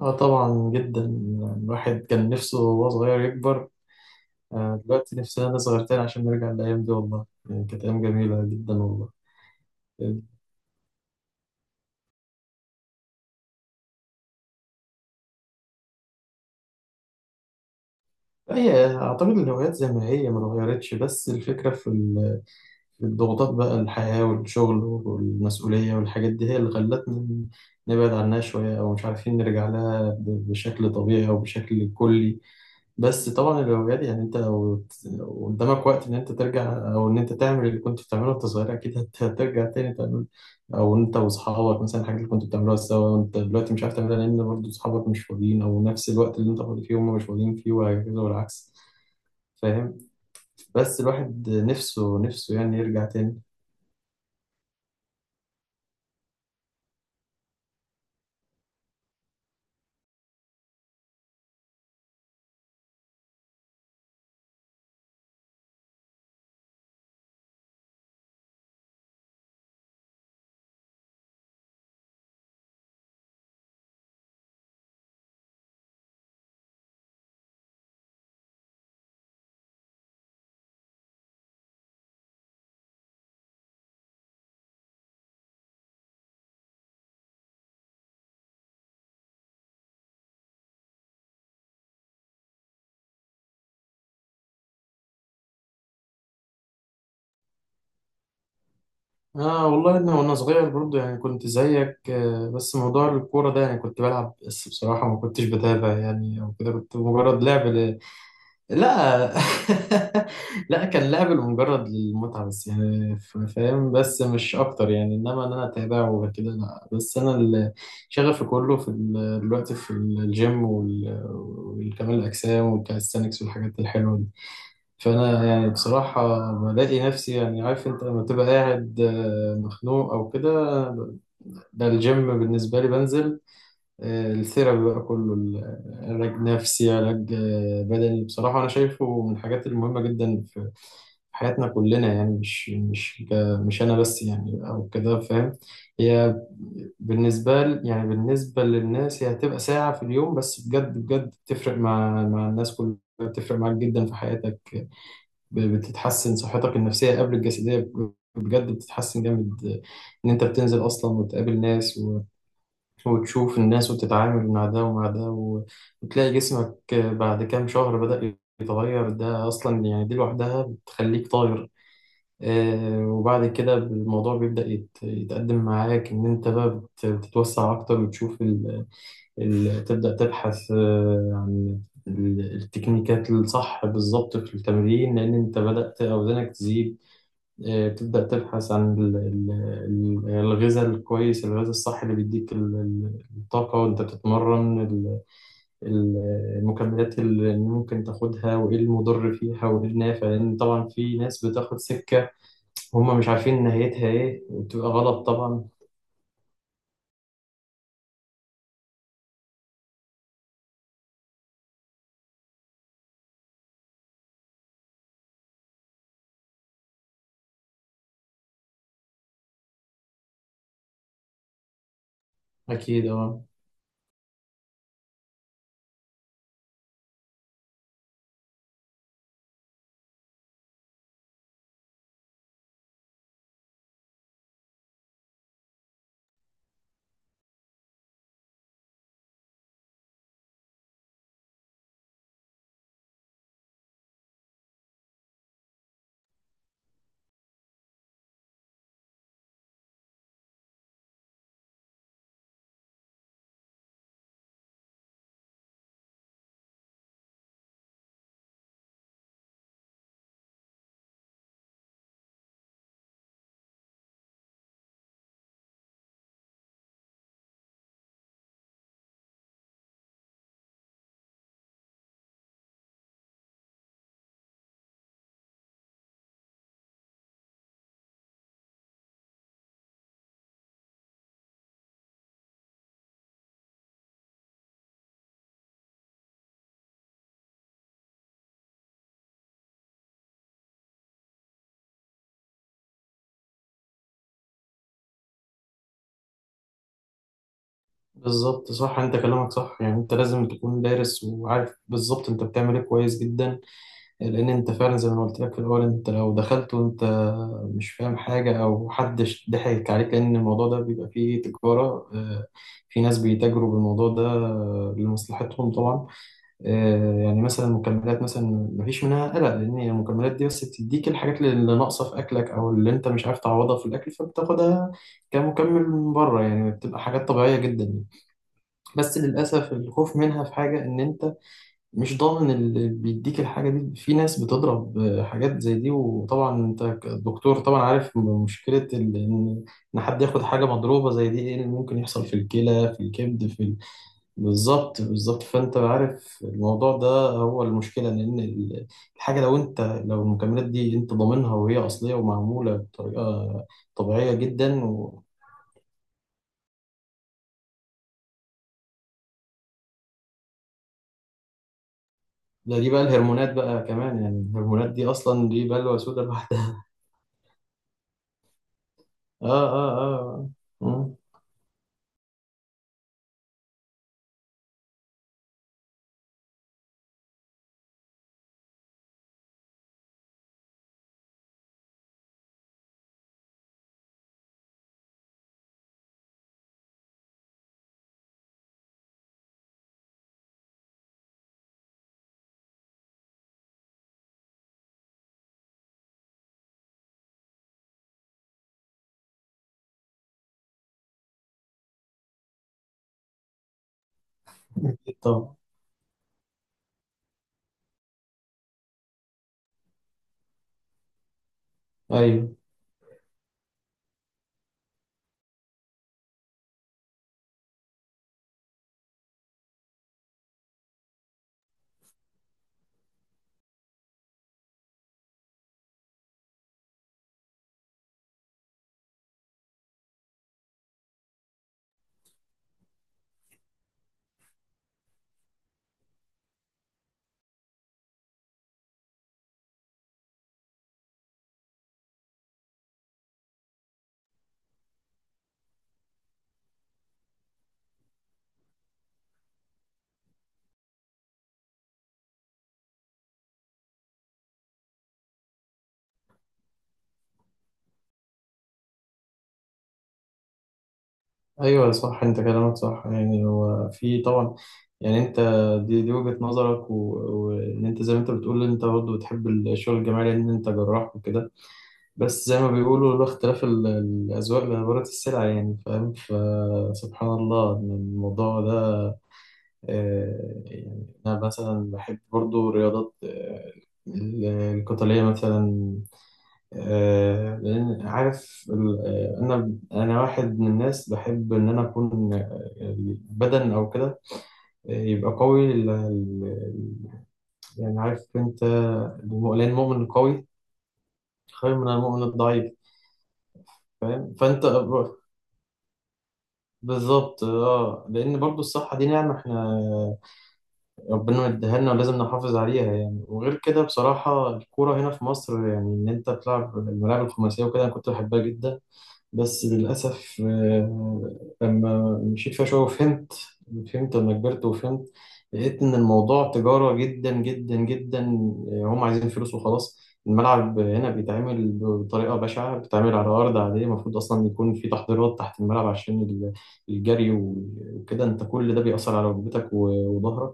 اه طبعا جدا. الواحد كان نفسه وهو صغير يكبر. دلوقتي نفسنا نصغر تاني عشان نرجع للأيام دي، والله يعني كانت أيام جميلة جدا والله. هي أعتقد الهوايات زي ما هي ما اتغيرتش، بس الفكرة في الضغوطات بقى، الحياة والشغل والمسؤولية والحاجات دي هي اللي خلتنا نبعد عنها شوية، أو مش عارفين نرجع لها بشكل طبيعي أو بشكل كلي. بس طبعا الهوايات، يعني انت لو قدامك وقت ان انت ترجع او ان انت تعمل اللي كنت بتعمله وانت صغير، اكيد هترجع تاني تعمل، او انت واصحابك مثلا الحاجات اللي كنت بتعملوها سوا وانت دلوقتي مش عارف تعملها، لان برضه اصحابك مش فاضيين، او نفس الوقت اللي انت فاضي فيه هم مش فاضيين فيه، وهكذا والعكس، فاهم. بس الواحد نفسه نفسه يعني يرجع تاني. اه والله انا وانا صغير برضه يعني كنت زيك، بس موضوع الكوره ده يعني كنت بلعب، بس بصراحه ما كنتش بتابع يعني، او كده كنت مجرد لعب. لا لا، كان لعب لمجرد المتعة بس يعني، فاهم، بس مش أكتر يعني، إنما إن أنا أتابعه وكده لا. بس أنا شغفي كله دلوقتي في الجيم والكمال الأجسام والكاليستانكس والحاجات الحلوة دي. فأنا يعني بصراحة بلاقي نفسي، يعني عارف أنت لما تبقى قاعد مخنوق أو كده، ده الجيم بالنسبة لي بنزل. الثيرابي بقى، كله علاج نفسي، علاج بدني، بصراحة أنا شايفه من الحاجات المهمة جدا في حياتنا كلنا، يعني مش مش أنا بس يعني، أو كده فاهم. هي يعني بالنسبة للناس، هي هتبقى ساعة في اليوم بس، بجد بجد بتفرق مع الناس كلها، بتفرق معاك جدا في حياتك. بتتحسن صحتك النفسية قبل الجسدية، بجد بتتحسن جامد. إن أنت بتنزل أصلا وتقابل ناس، وتشوف الناس وتتعامل مع ده ومع ده، وتلاقي جسمك بعد كام شهر بدأ يتغير، ده أصلا يعني دي لوحدها بتخليك طاير. وبعد كده الموضوع بيبدأ يتقدم معاك، إن أنت بقى بتتوسع أكتر وتشوف تبدأ تبحث عن التكنيكات الصح بالظبط في التمرين، لأن أنت بدأت أوزانك تزيد. بتبدأ تبحث عن الغذاء الكويس، الغذاء الصح اللي بيديك الطاقة وانت بتتمرن، المكملات اللي ممكن تاخدها، وايه المضر فيها وايه النافع، لان طبعا في ناس بتاخد سكة هما مش عارفين نهايتها ايه، وبتبقى غلط طبعا. اكيد، اه بالظبط، صح انت كلامك صح، يعني انت لازم تكون دارس وعارف بالظبط انت بتعمل ايه كويس جدا، لان انت فعلا زي ما قلت لك في الاول، انت لو دخلت وانت مش فاهم حاجه او حدش ضحك عليك، لان الموضوع ده بيبقى فيه تجاره. في ناس بيتاجروا بالموضوع ده لمصلحتهم طبعا. يعني مثلا المكملات مثلا، مفيش منها قلق، لان المكملات دي بس بتديك الحاجات اللي ناقصه في اكلك، او اللي انت مش عارف تعوضها في الاكل، فبتاخدها كمكمل من بره، يعني بتبقى حاجات طبيعيه جدا. بس للاسف الخوف منها في حاجه، ان انت مش ضامن اللي بيديك الحاجة دي، في ناس بتضرب حاجات زي دي، وطبعا انت كدكتور طبعا عارف مشكلة ان إن حد ياخد حاجة مضروبة زي دي، ايه اللي ممكن يحصل في الكلى، في الكبد، بالظبط بالظبط. فانت عارف الموضوع ده هو المشكلة، لان الحاجة، لو المكملات دي انت ضامنها وهي اصلية ومعمولة بطريقة طبيعية جدا دي بقى الهرمونات بقى كمان، يعني الهرمونات دي اصلا دي بلوى سودا لوحدها. اه، اه، اه. آه. أكيد طبعا. أيوه، أيوه صح، أنت كلامك صح، يعني هو في طبعا، يعني أنت دي وجهة نظرك، وإن أنت زي ما أنت بتقول أنت برضه بتحب الشغل الجماعي لأن أنت جراح وكده. بس زي ما بيقولوا، لولا اختلاف الأذواق لبارت السلع، يعني فاهم، فسبحان الله إن الموضوع ده. يعني أنا مثلا بحب برضه رياضات القتالية مثلا، لأن عارف أنا واحد من الناس بحب إن أنا أكون البدن أو كده، يبقى قوي يعني عارف أنت، لأن المؤمن القوي خير من المؤمن الضعيف، فاهم فأنت بالظبط. اه، لأن برضو الصحة دي نعمة احنا ربنا مديها لنا، ولازم نحافظ عليها يعني، وغير كده بصراحة الكورة هنا في مصر، يعني إن أنت تلعب الملاعب الخماسية وكده، أنا كنت بحبها جدا. بس للأسف، لما مشيت فيها شوية وفهمت، فهمت لما كبرت وفهمت، لقيت إن الموضوع تجارة جدا جدا جدا. هم عايزين فلوس وخلاص. الملعب هنا بيتعمل بطريقة بشعة، بيتعمل على أرض عادية، المفروض أصلا يكون في تحضيرات تحت الملعب عشان الجري وكده، أنت كل ده بيأثر على ركبتك وظهرك.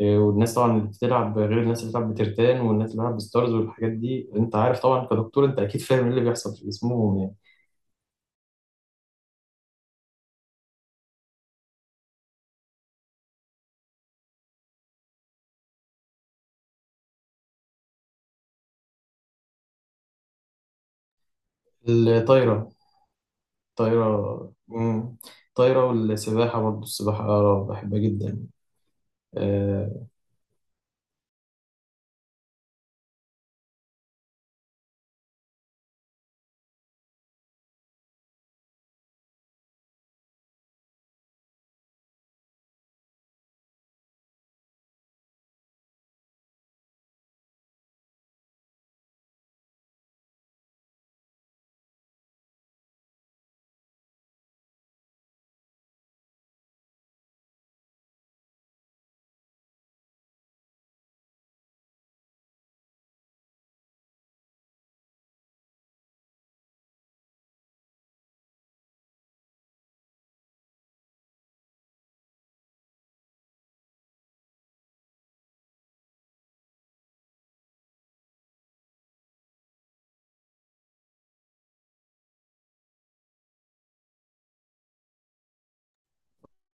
والناس طبعا اللي بتلعب غير الناس اللي بتلعب بترتان، والناس اللي بتلعب بستارز والحاجات دي، أنت عارف طبعا كدكتور أنت أكيد فاهم إيه اللي بيحصل في جسمهم يعني. الطايرة. طايرة، مم. طايرة والسباحة، برضه السباحة أه بحبها جدا. آه.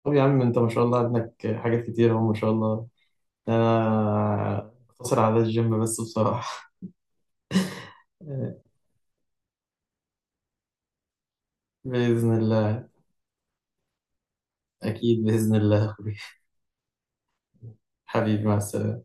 طب يا عم أنت ما شاء الله عندك حاجات كتير أهو، ما شاء الله. أنا أقتصر على الجيم بس بصراحة. آه. بإذن الله. أكيد بإذن الله يا أخوي. حبيبي، مع السلامة.